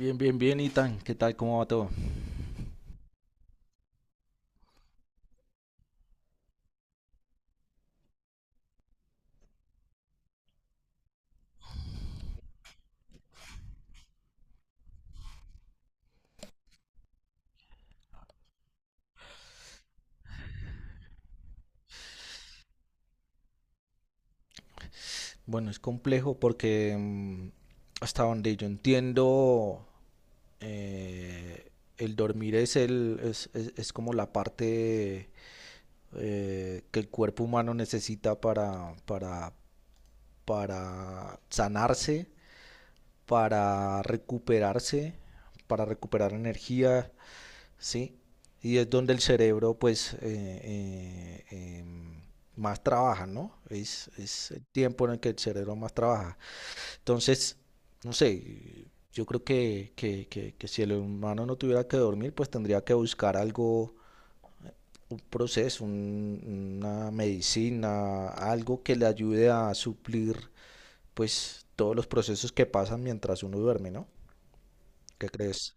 Bien, bien, bien, Itan, ¿qué tal? ¿Cómo va todo? Bueno, es complejo porque hasta donde yo entiendo, el dormir es como la parte que el cuerpo humano necesita para, para sanarse, para recuperarse, para recuperar energía, ¿sí? Y es donde el cerebro, pues, em, más trabaja, ¿no? Es el tiempo en el que el cerebro más trabaja. Entonces, no sé, yo creo que si el humano no tuviera que dormir, pues tendría que buscar algo, un proceso, una medicina, algo que le ayude a suplir, pues, todos los procesos que pasan mientras uno duerme, ¿no? ¿Qué crees?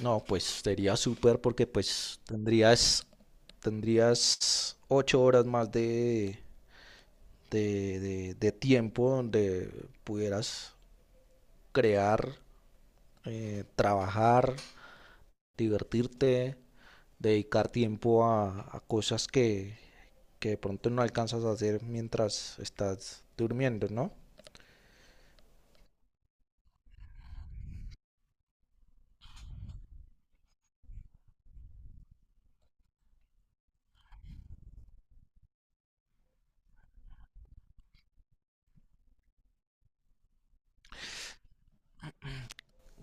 No, pues sería súper porque pues tendrías ocho horas más de tiempo donde pudieras crear, trabajar, divertirte, dedicar tiempo a cosas que de pronto no alcanzas a hacer mientras estás durmiendo, ¿no?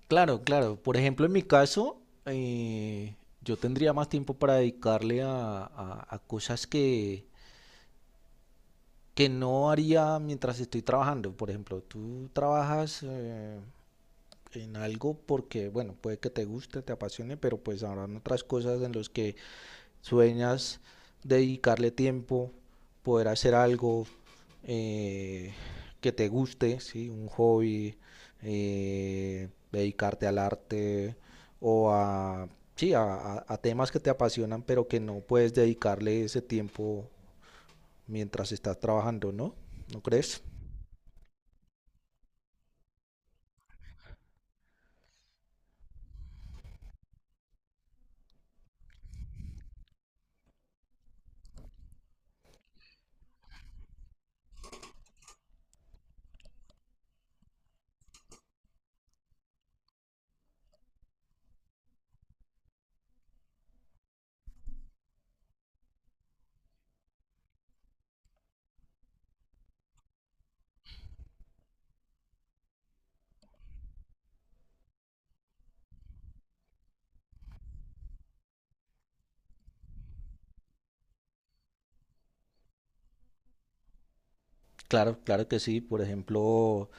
Claro, claro. Por ejemplo, en mi caso, yo tendría más tiempo para dedicarle a, a cosas que no haría mientras estoy trabajando. Por ejemplo, tú trabajas en algo porque, bueno, puede que te guste, te apasione, pero pues habrán otras cosas en las que sueñas dedicarle tiempo, poder hacer algo, eh, que te guste, ¿sí? Un hobby, dedicarte al arte o a, sí, a temas que te apasionan, pero que no puedes dedicarle ese tiempo mientras estás trabajando, ¿no? ¿No crees? Claro, claro que sí. Por ejemplo,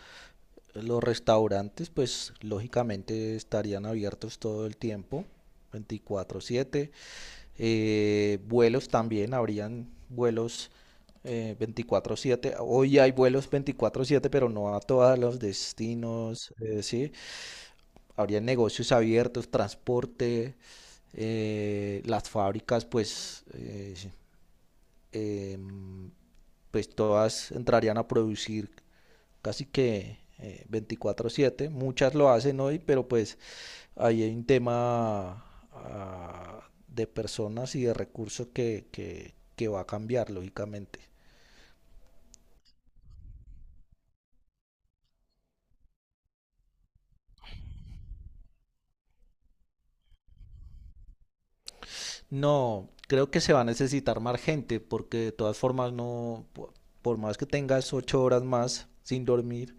los restaurantes, pues lógicamente estarían abiertos todo el tiempo, 24/7. Vuelos también, habrían vuelos, 24/7. Hoy hay vuelos 24/7, pero no a todos los destinos, sí. Habrían negocios abiertos, transporte, las fábricas, em, pues todas entrarían a producir casi que, 24/7. Muchas lo hacen hoy, pero pues ahí hay un tema, de personas y de recursos que va a cambiar, lógicamente. No, creo que se va a necesitar más gente, porque de todas formas no, por más que tengas ocho horas más sin dormir,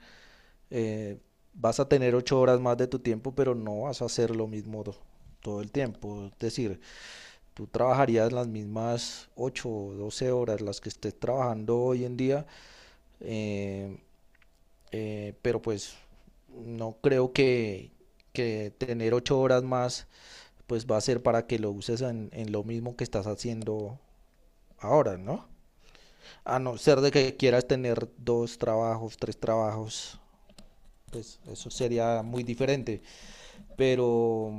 eh, vas a tener ocho horas más de tu tiempo, pero no vas a hacer lo mismo todo el tiempo. Es decir, tú trabajarías las mismas 8, o 12 horas las que estés trabajando hoy en día, eh, pero pues no creo que tener 8 horas más pues va a ser para que lo uses en lo mismo que estás haciendo ahora, ¿no? A no ser de que quieras tener dos trabajos, tres trabajos, pues eso sería muy diferente. Pero,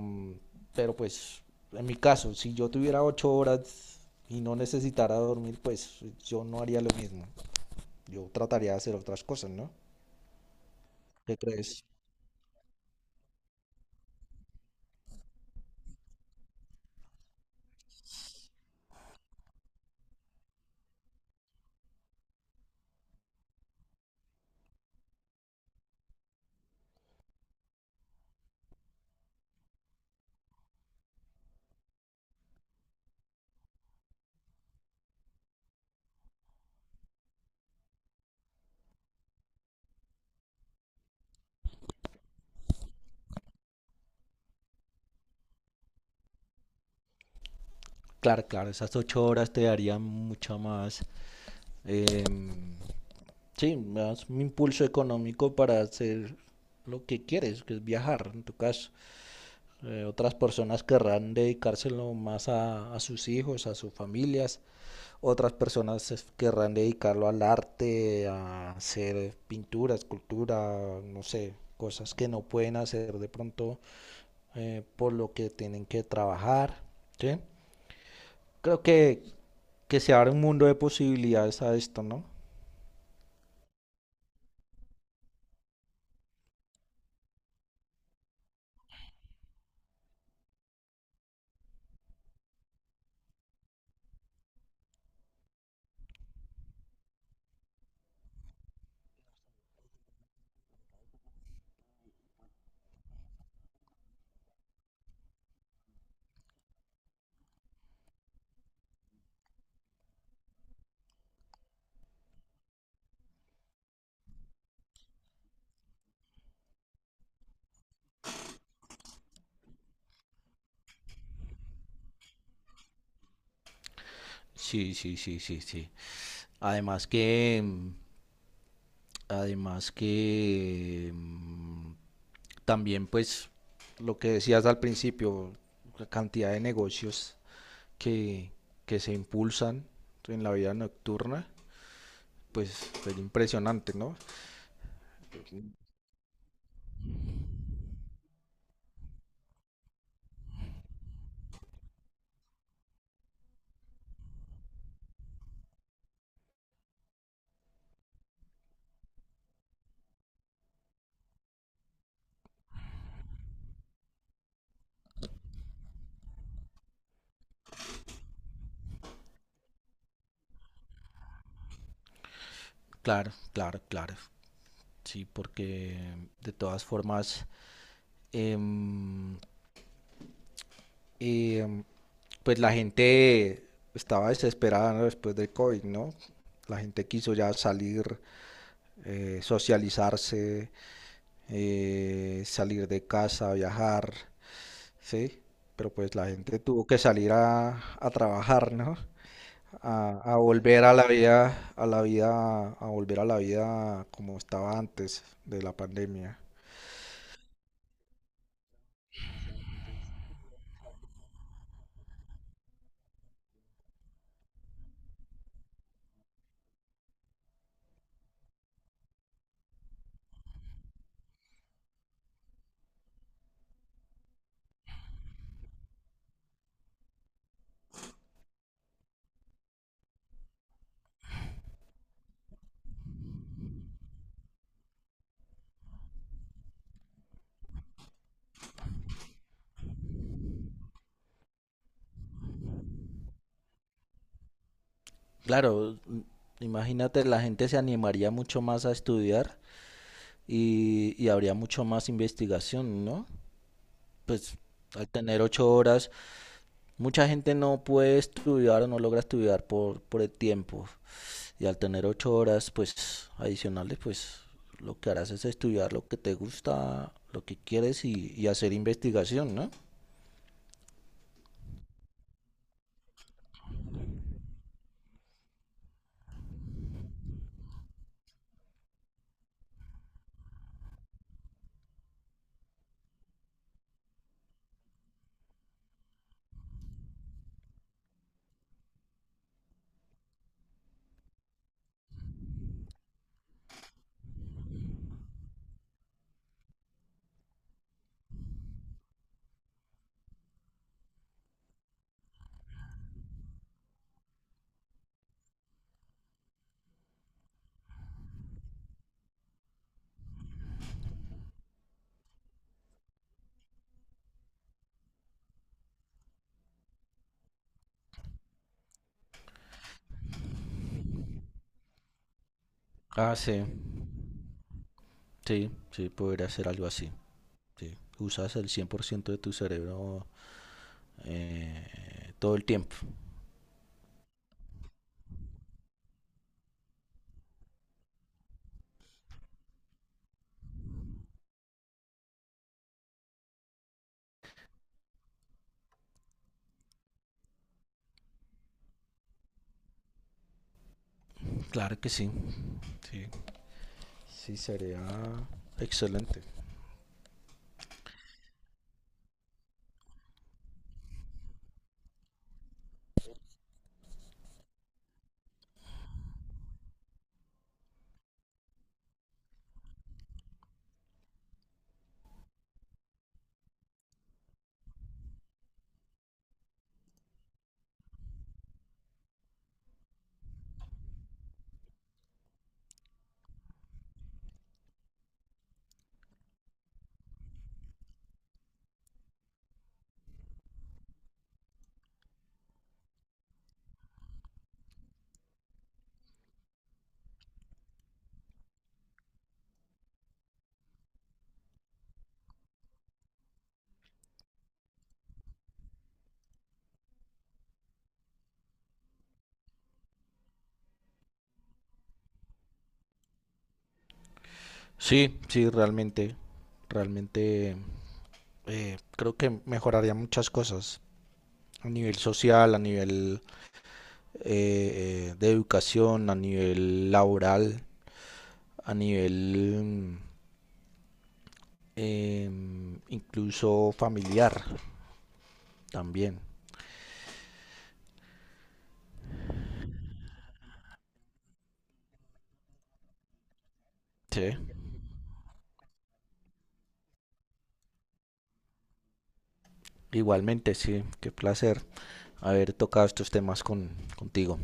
pero pues, en mi caso, si yo tuviera ocho horas y no necesitara dormir, pues yo no haría lo mismo. Yo trataría de hacer otras cosas, ¿no? ¿Qué crees? Claro, claro, esas ocho horas te darían mucha más, em, sí, más un impulso económico para hacer lo que quieres, que es viajar, en tu caso. Otras personas querrán dedicárselo más a sus hijos, a sus familias. Otras personas se querrán dedicarlo al arte, a hacer pintura, escultura, no sé, cosas que no pueden hacer de pronto, por lo que tienen que trabajar, ¿sí? Creo que se abre un mundo de posibilidades a esto, ¿no? Sí, sí, sí, sí, sí. Además que, mm, además que también pues lo que decías al principio, la cantidad de negocios que, que se impulsan en la vida nocturna, pues es impresionante, ¿no? Claro, claro, claro. Sí, porque de todas formas, em, em, pues la gente estaba desesperada, ¿no? Después del COVID, ¿no? La gente quiso ya salir, socializarse, salir de casa, viajar, ¿sí? Pero pues la gente tuvo que salir a trabajar, ¿no? A, a volver a la vida, como estaba antes de la pandemia. Claro, m- imagínate, la gente se animaría mucho más a estudiar y habría mucho más investigación, ¿no? Pues al tener ocho horas, mucha gente no puede estudiar o no logra estudiar por el tiempo. Y al tener ocho horas, pues adicionales, pues lo que harás es estudiar lo que te gusta, lo que quieres y hacer investigación, ¿no? Ah, sí. Sí, sí, podría hacer algo así. Sí. Usas el 100% de tu cerebro, todo el tiempo. Claro que sí. Sí, sí, sería excelente. Sí, sí, realmente. Realmente Creo que mejoraría muchas cosas. A nivel social, a nivel, de educación, a nivel laboral, a nivel, incluso familiar también. Sí, igualmente, sí, qué placer haber tocado estos temas contigo.